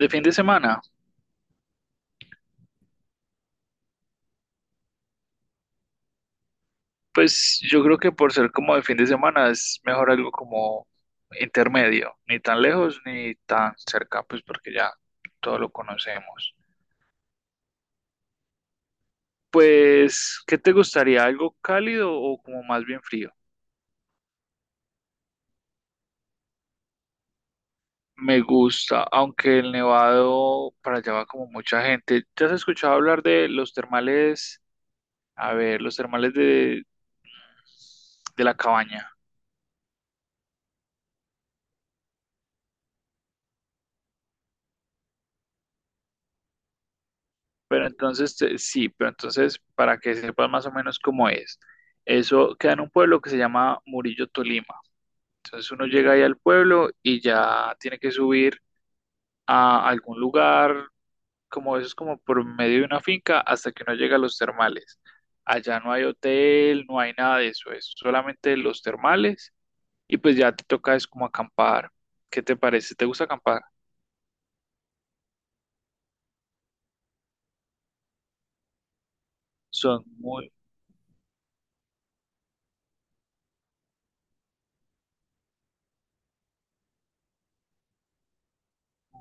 De fin de semana, pues yo creo que por ser como de fin de semana es mejor algo como intermedio, ni tan lejos ni tan cerca, pues porque ya todo lo conocemos. Pues, ¿qué te gustaría? ¿Algo cálido o como más bien frío? Me gusta, aunque el Nevado para allá va como mucha gente. ¿Ya has escuchado hablar de los termales? A ver, los termales de la cabaña. Pero entonces, sí, pero entonces, para que sepas más o menos cómo es, eso queda en un pueblo que se llama Murillo Tolima. Entonces uno llega ahí al pueblo y ya tiene que subir a algún lugar, como eso es como por medio de una finca, hasta que uno llega a los termales. Allá no hay hotel, no hay nada de eso, es solamente los termales y pues ya te toca es como acampar. ¿Qué te parece? ¿Te gusta acampar? Son muy,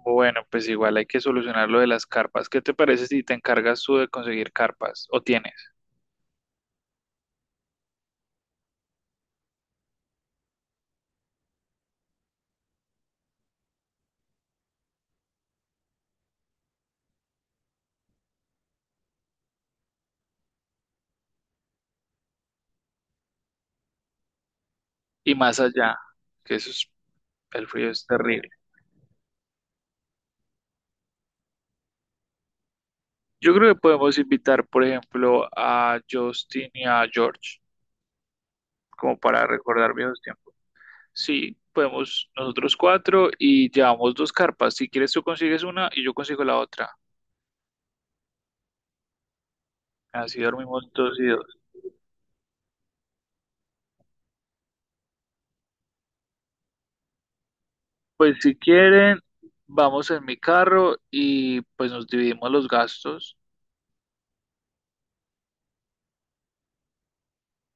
bueno, pues igual hay que solucionar lo de las carpas. ¿Qué te parece si te encargas tú de conseguir carpas o tienes? Y más allá, que eso es, el frío es terrible. Yo creo que podemos invitar, por ejemplo, a Justin y a George, como para recordar viejos tiempos. Sí, podemos nosotros cuatro y llevamos dos carpas. Si quieres tú consigues una y yo consigo la otra. Así dormimos dos y dos. Pues si quieren, vamos en mi carro y pues nos dividimos los gastos.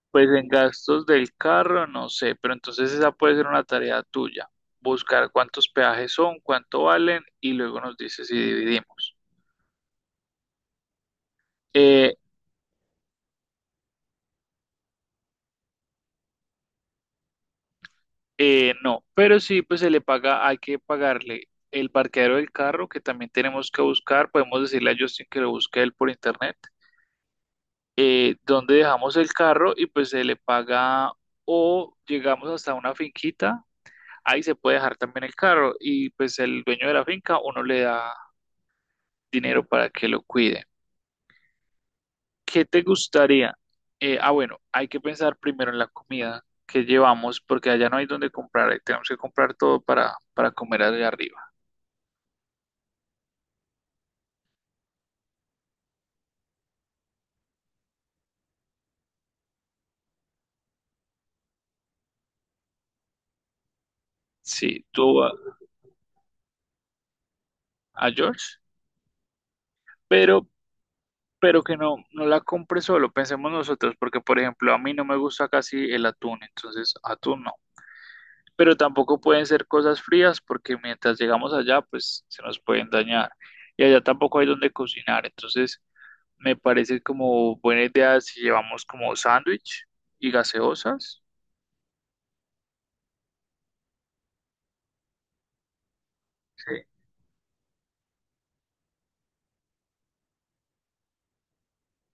Pues en gastos del carro, no sé, pero entonces esa puede ser una tarea tuya, buscar cuántos peajes son, cuánto valen y luego nos dices si dividimos. Eh, no, pero sí, pues se le paga, hay que pagarle el parqueadero del carro que también tenemos que buscar, podemos decirle a Justin que lo busque él por internet, dónde dejamos el carro y pues se le paga o llegamos hasta una finquita, ahí se puede dejar también el carro y pues el dueño de la finca uno le da dinero para que lo cuide. ¿Qué te gustaría? Bueno, hay que pensar primero en la comida que llevamos, porque allá no hay donde comprar, tenemos que comprar todo para comer allá arriba. Sí, tú a George, pero, pero que no, no la compre solo, pensemos nosotros, porque por ejemplo, a mí no me gusta casi el atún, entonces atún no. Pero tampoco pueden ser cosas frías, porque mientras llegamos allá, pues se nos pueden dañar. Y allá tampoco hay donde cocinar, entonces me parece como buena idea si llevamos como sándwich y gaseosas. Sí.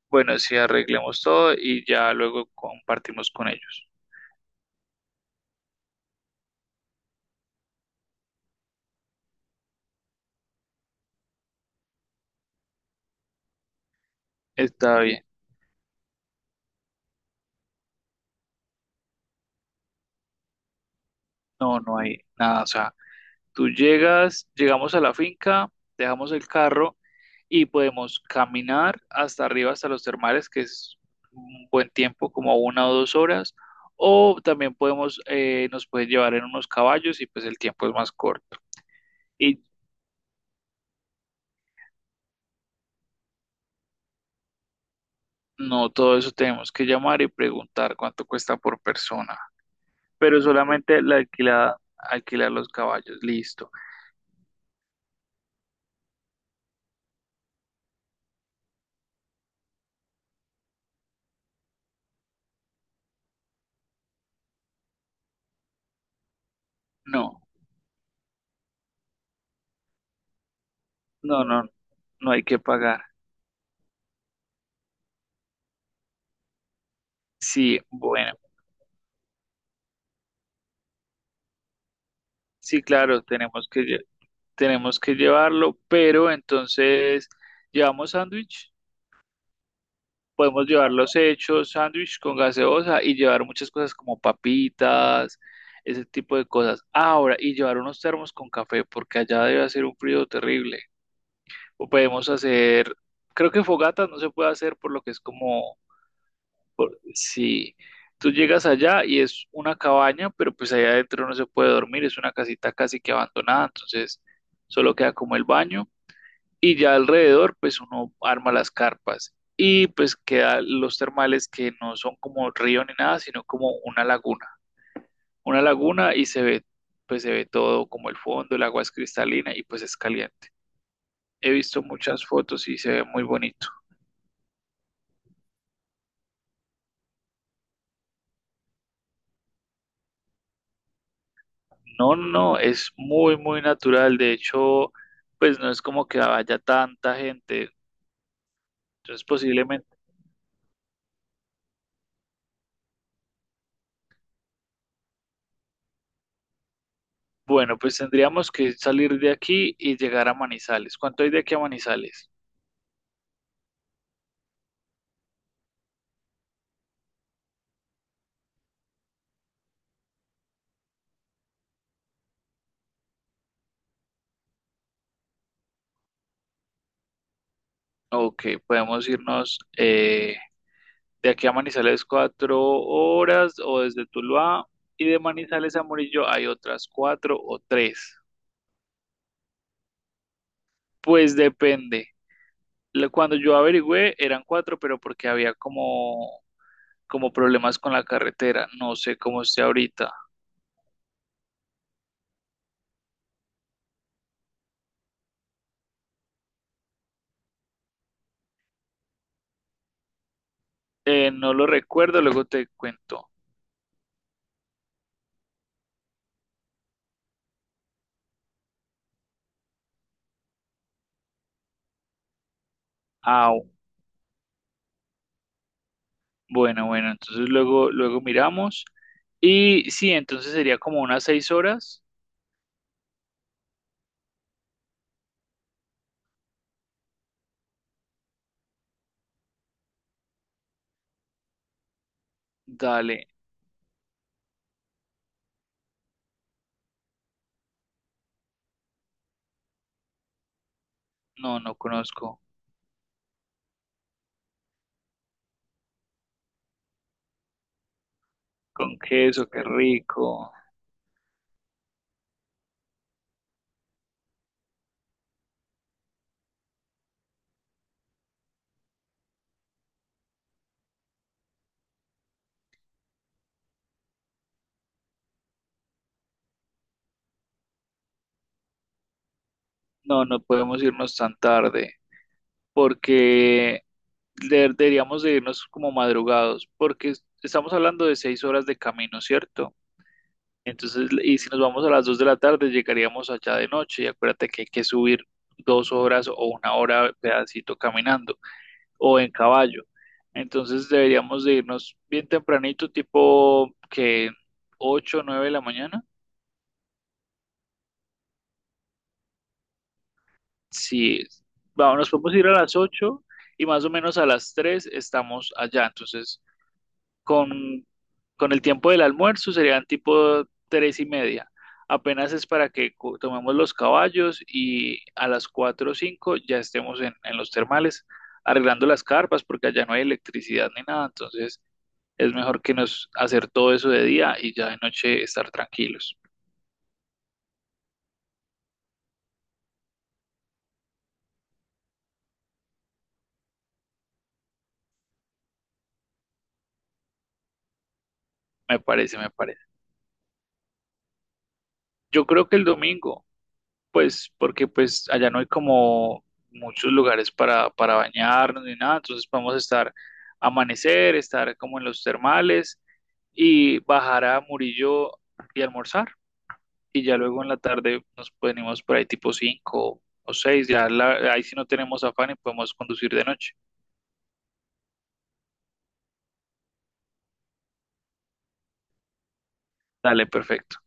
Bueno, si arreglemos todo y ya luego compartimos con ellos. Está bien. No, no hay nada. O sea, tú llegas, llegamos a la finca, dejamos el carro y podemos caminar hasta arriba, hasta los termales, que es un buen tiempo, como una o dos horas. O también podemos, nos pueden llevar en unos caballos y pues el tiempo es más corto. Y no, todo eso tenemos que llamar y preguntar cuánto cuesta por persona, pero solamente la alquilada, alquilar los caballos, listo. No, no, no, no hay que pagar. Sí, bueno, sí, claro, tenemos que, tenemos que llevarlo, pero entonces, ¿llevamos sándwich? Podemos llevar los hechos, sándwich con gaseosa y llevar muchas cosas como papitas, ese tipo de cosas. Ahora, y llevar unos termos con café, porque allá debe hacer un frío terrible. O podemos hacer, creo que fogata no se puede hacer por lo que es como si tú llegas allá y es una cabaña, pero pues allá adentro no se puede dormir, es una casita casi que abandonada, entonces solo queda como el baño y ya alrededor pues uno arma las carpas y pues queda los termales que no son como río ni nada, sino como una laguna y se ve pues se ve todo como el fondo, el agua es cristalina y pues es caliente. He visto muchas fotos y se ve muy bonito. No, no, no, es muy, muy natural. De hecho, pues no es como que vaya tanta gente. Entonces, posiblemente, bueno, pues tendríamos que salir de aquí y llegar a Manizales. ¿Cuánto hay de aquí a Manizales? Ok, podemos irnos de aquí a Manizales 4 horas o desde Tuluá y de Manizales a Murillo hay otras cuatro o tres. Pues depende. Cuando yo averigüé eran cuatro, pero porque había como problemas con la carretera. No sé cómo esté ahorita. No lo recuerdo, luego te cuento. Ah, bueno, bueno, entonces luego miramos. Y sí, entonces sería como unas 6 horas. Dale, no, no conozco. Con queso, qué rico. No, no podemos irnos tan tarde porque deberíamos de irnos como madrugados porque estamos hablando de 6 horas de camino, ¿cierto? Entonces, y si nos vamos a las 2 de la tarde, llegaríamos allá de noche y acuérdate que hay que subir 2 horas o 1 hora pedacito caminando o en caballo. Entonces deberíamos de irnos bien tempranito, tipo que 8 o 9 de la mañana. Sí, vamos, nos podemos ir a las 8 y más o menos a las 3 estamos allá. Entonces con, con el tiempo del almuerzo serían tipo tres y media. Apenas es para que tomemos los caballos y a las cuatro o cinco ya estemos en los termales arreglando las carpas porque allá no hay electricidad ni nada, entonces es mejor que nos hacer todo eso de día y ya de noche estar tranquilos. Me parece, me parece. Yo creo que el domingo, pues porque pues allá no hay como muchos lugares para bañarnos ni nada, entonces podemos estar amanecer, estar como en los termales y bajar a Murillo y almorzar y ya luego en la tarde nos venimos por ahí tipo 5 o 6 ya ahí sí no tenemos afán y podemos conducir de noche. Dale, perfecto.